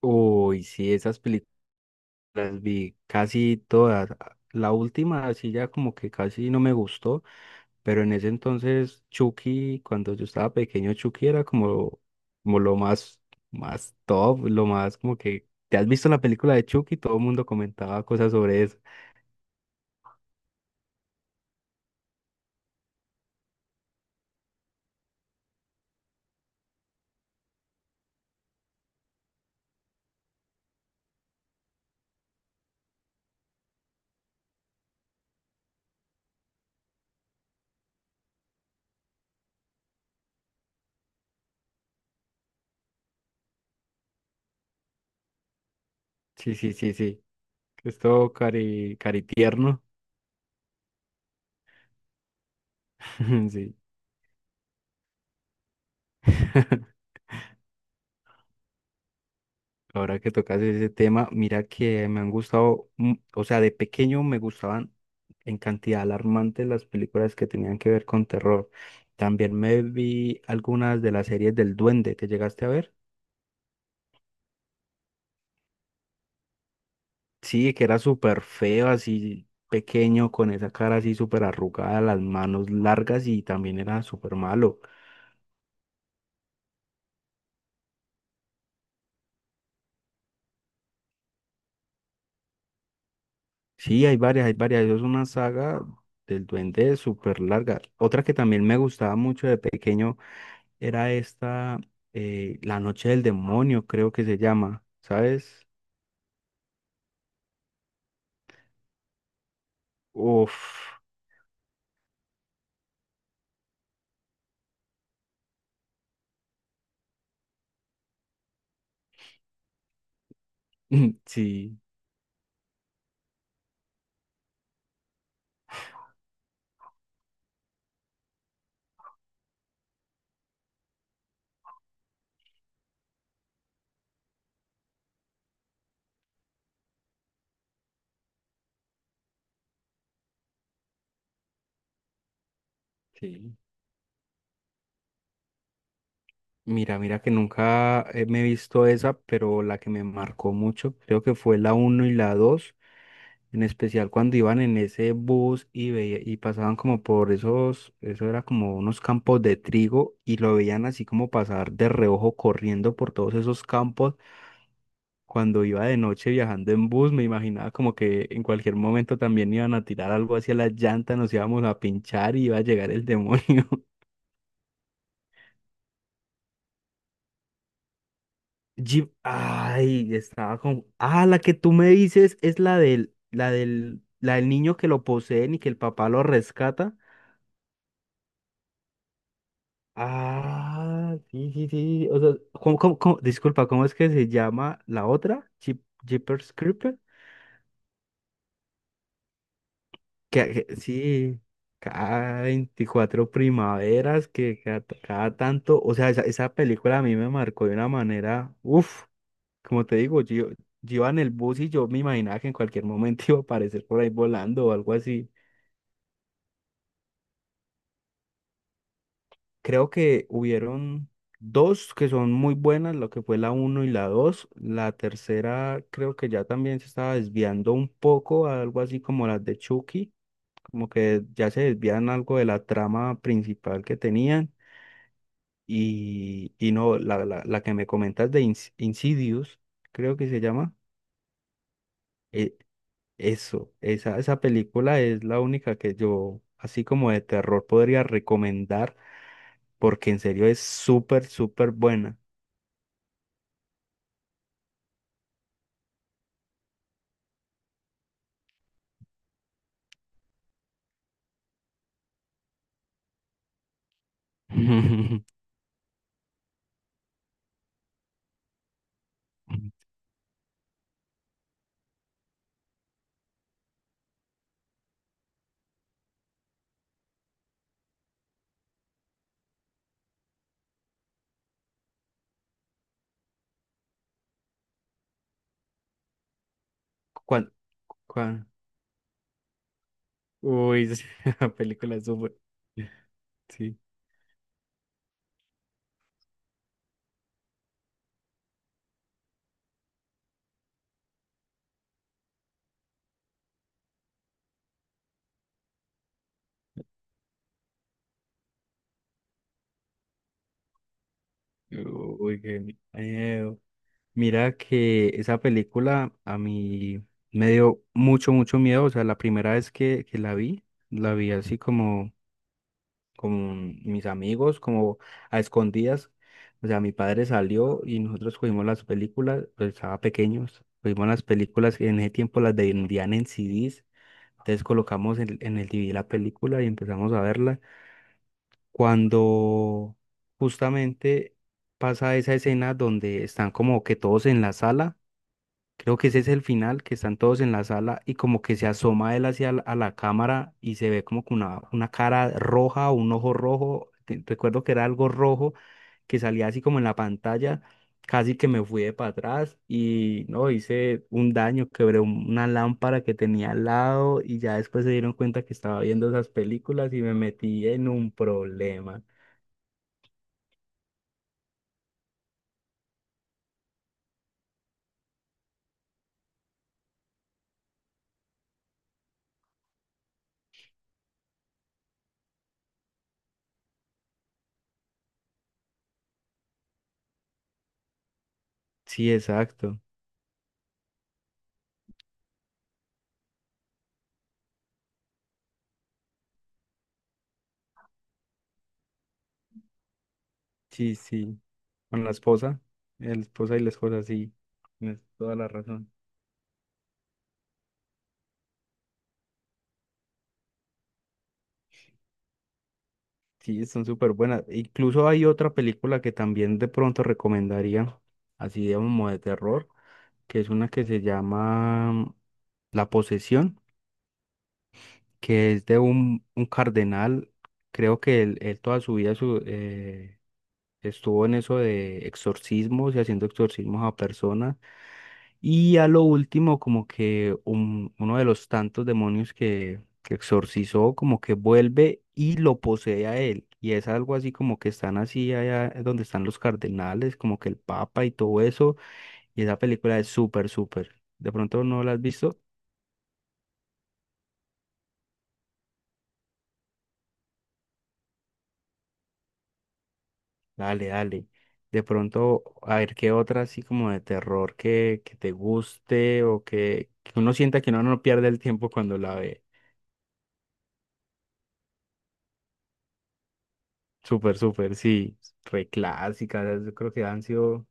Uy, sí, esas películas las vi casi todas. La última, así ya como que casi no me gustó, pero en ese entonces Chucky, cuando yo estaba pequeño, Chucky era como lo más top, lo más como que, ¿te has visto la película de Chucky? Todo el mundo comentaba cosas sobre eso. Sí, sí, sí, sí. Esto cari, cari tierno. Sí. Ahora que tocas ese tema, mira que me han gustado, o sea, de pequeño me gustaban en cantidad alarmante las películas que tenían que ver con terror. También me vi algunas de las series del Duende, ¿te llegaste a ver? Sí, que era súper feo, así pequeño, con esa cara así súper arrugada, las manos largas y también era súper malo. Sí, hay varias, hay varias. Eso es una saga del Duende súper larga. Otra que también me gustaba mucho de pequeño era esta, La Noche del Demonio, creo que se llama, ¿sabes? Uf, sí, sí. Mira, mira que nunca me he visto esa, pero la que me marcó mucho, creo que fue la uno y la dos, en especial cuando iban en ese bus y veía, y pasaban como por esos, eso era como unos campos de trigo y lo veían así como pasar de reojo corriendo por todos esos campos cuando iba de noche viajando en bus. Me imaginaba como que en cualquier momento también iban a tirar algo hacia la llanta, nos íbamos a pinchar y iba a llegar el demonio. Ay, estaba con. Ah, la que tú me dices es la del niño que lo poseen y que el papá lo rescata. Ah, sí, sí, sí. O sea, ¿cómo? Disculpa, ¿cómo es que se llama la otra? Jeepers Creepers. Sí, cada 24 primaveras, que cada tanto, o sea, esa película a mí me marcó de una manera, uff, como te digo, yo iba en el bus y yo me imaginaba que en cualquier momento iba a aparecer por ahí volando o algo así. Creo que hubieron dos que son muy buenas, lo que fue la uno y la dos. La tercera creo que ya también se estaba desviando un poco a algo así como las de Chucky, como que ya se desvían algo de la trama principal que tenían. Y no, la que me comentas de Insidious, creo que se llama. eh, esa película es la única que yo, así como de terror, podría recomendar porque en serio es súper, súper buena. ¿Cuál? ¿Cuál? Uy, esa película es súper. Sí. Uy, qué miedo. Mira que esa película a mí me dio mucho, mucho miedo. O sea, la primera vez que la vi así como con mis amigos, como a escondidas. O sea, mi padre salió y nosotros cogimos las películas, pues estaba pequeños, cogimos las películas, en ese tiempo las vendían en c CDs. Entonces colocamos en el DVD la película y empezamos a verla. Cuando justamente pasa esa escena donde están como que todos en la sala. Creo que ese es el final, que están todos en la sala y como que se asoma él hacia a la cámara y se ve como que una cara roja, un ojo rojo. Recuerdo que era algo rojo que salía así como en la pantalla. Casi que me fui de para atrás y no hice un daño, quebré una lámpara que tenía al lado y ya después se dieron cuenta que estaba viendo esas películas y me metí en un problema. Sí, exacto. Sí, sí. Con la esposa y la esposa, sí. Tienes toda la razón. Sí, son súper buenas. Incluso hay otra película que también de pronto recomendaría, así digamos, como de terror, que es una que se llama La Posesión, que es de un cardenal. Creo que él toda su vida estuvo en eso de exorcismos y haciendo exorcismos a personas. Y a lo último, como que uno de los tantos demonios que exorcizó, como que vuelve y lo posee a él. Y es algo así como que están así allá donde están los cardenales, como que el papa y todo eso. Y esa película es súper, súper. ¿De pronto no la has visto? Dale, dale. De pronto, a ver qué otra así como de terror que te guste o que uno sienta que uno no pierde el tiempo cuando la ve. Súper, súper, sí. Reclásicas, yo creo que han sido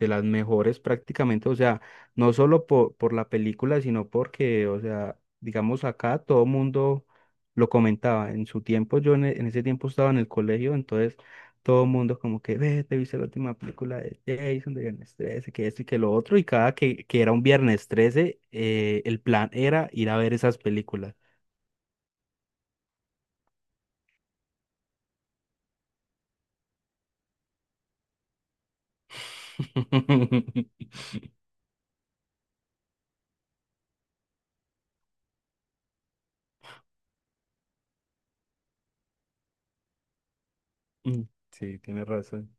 de las mejores prácticamente, o sea, no solo por la película, sino porque, o sea, digamos acá todo el mundo lo comentaba. En su tiempo, yo en ese tiempo estaba en el colegio, entonces todo el mundo como que, ve, te viste la última película de Jason, de Viernes 13, que esto y que lo otro, y cada que era un Viernes 13, el plan era ir a ver esas películas. Mm, sí, tiene razón.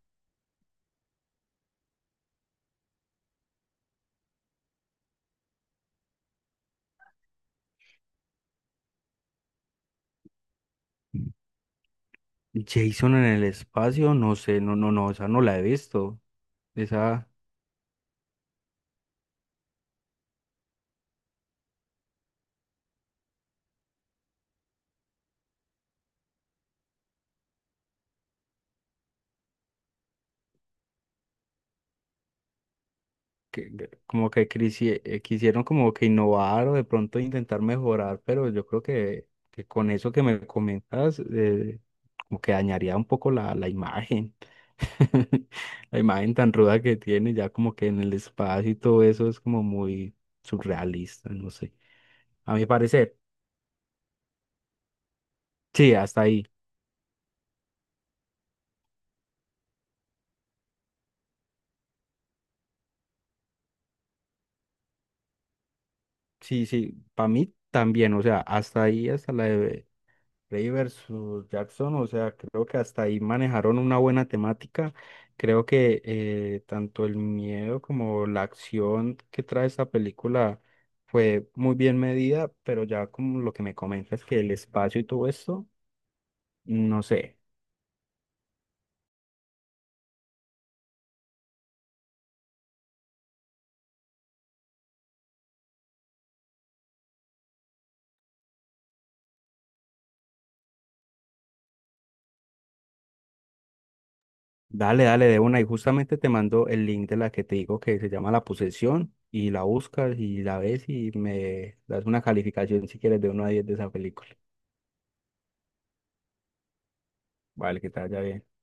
Jason en el espacio, no sé, no, no, no, esa no la he visto. Esa que como que quisieron como que innovar o de pronto intentar mejorar, pero yo creo que con eso que me comentas, como que dañaría un poco la imagen, la imagen tan ruda que tiene, ya como que en el espacio y todo eso es como muy surrealista, no sé, a mi parecer, sí, hasta ahí, sí, sí, para mí también, o sea, hasta ahí, Rey versus Jackson, o sea, creo que hasta ahí manejaron una buena temática. Creo que tanto el miedo como la acción que trae esta película fue muy bien medida, pero ya como lo que me comentas que el espacio y todo esto, no sé. Dale, dale de una y justamente te mando el link de la que te digo que se llama La Posesión y la buscas y la ves y me das una calificación si quieres de 1 a 10 de esa película. Vale, que te vaya bien.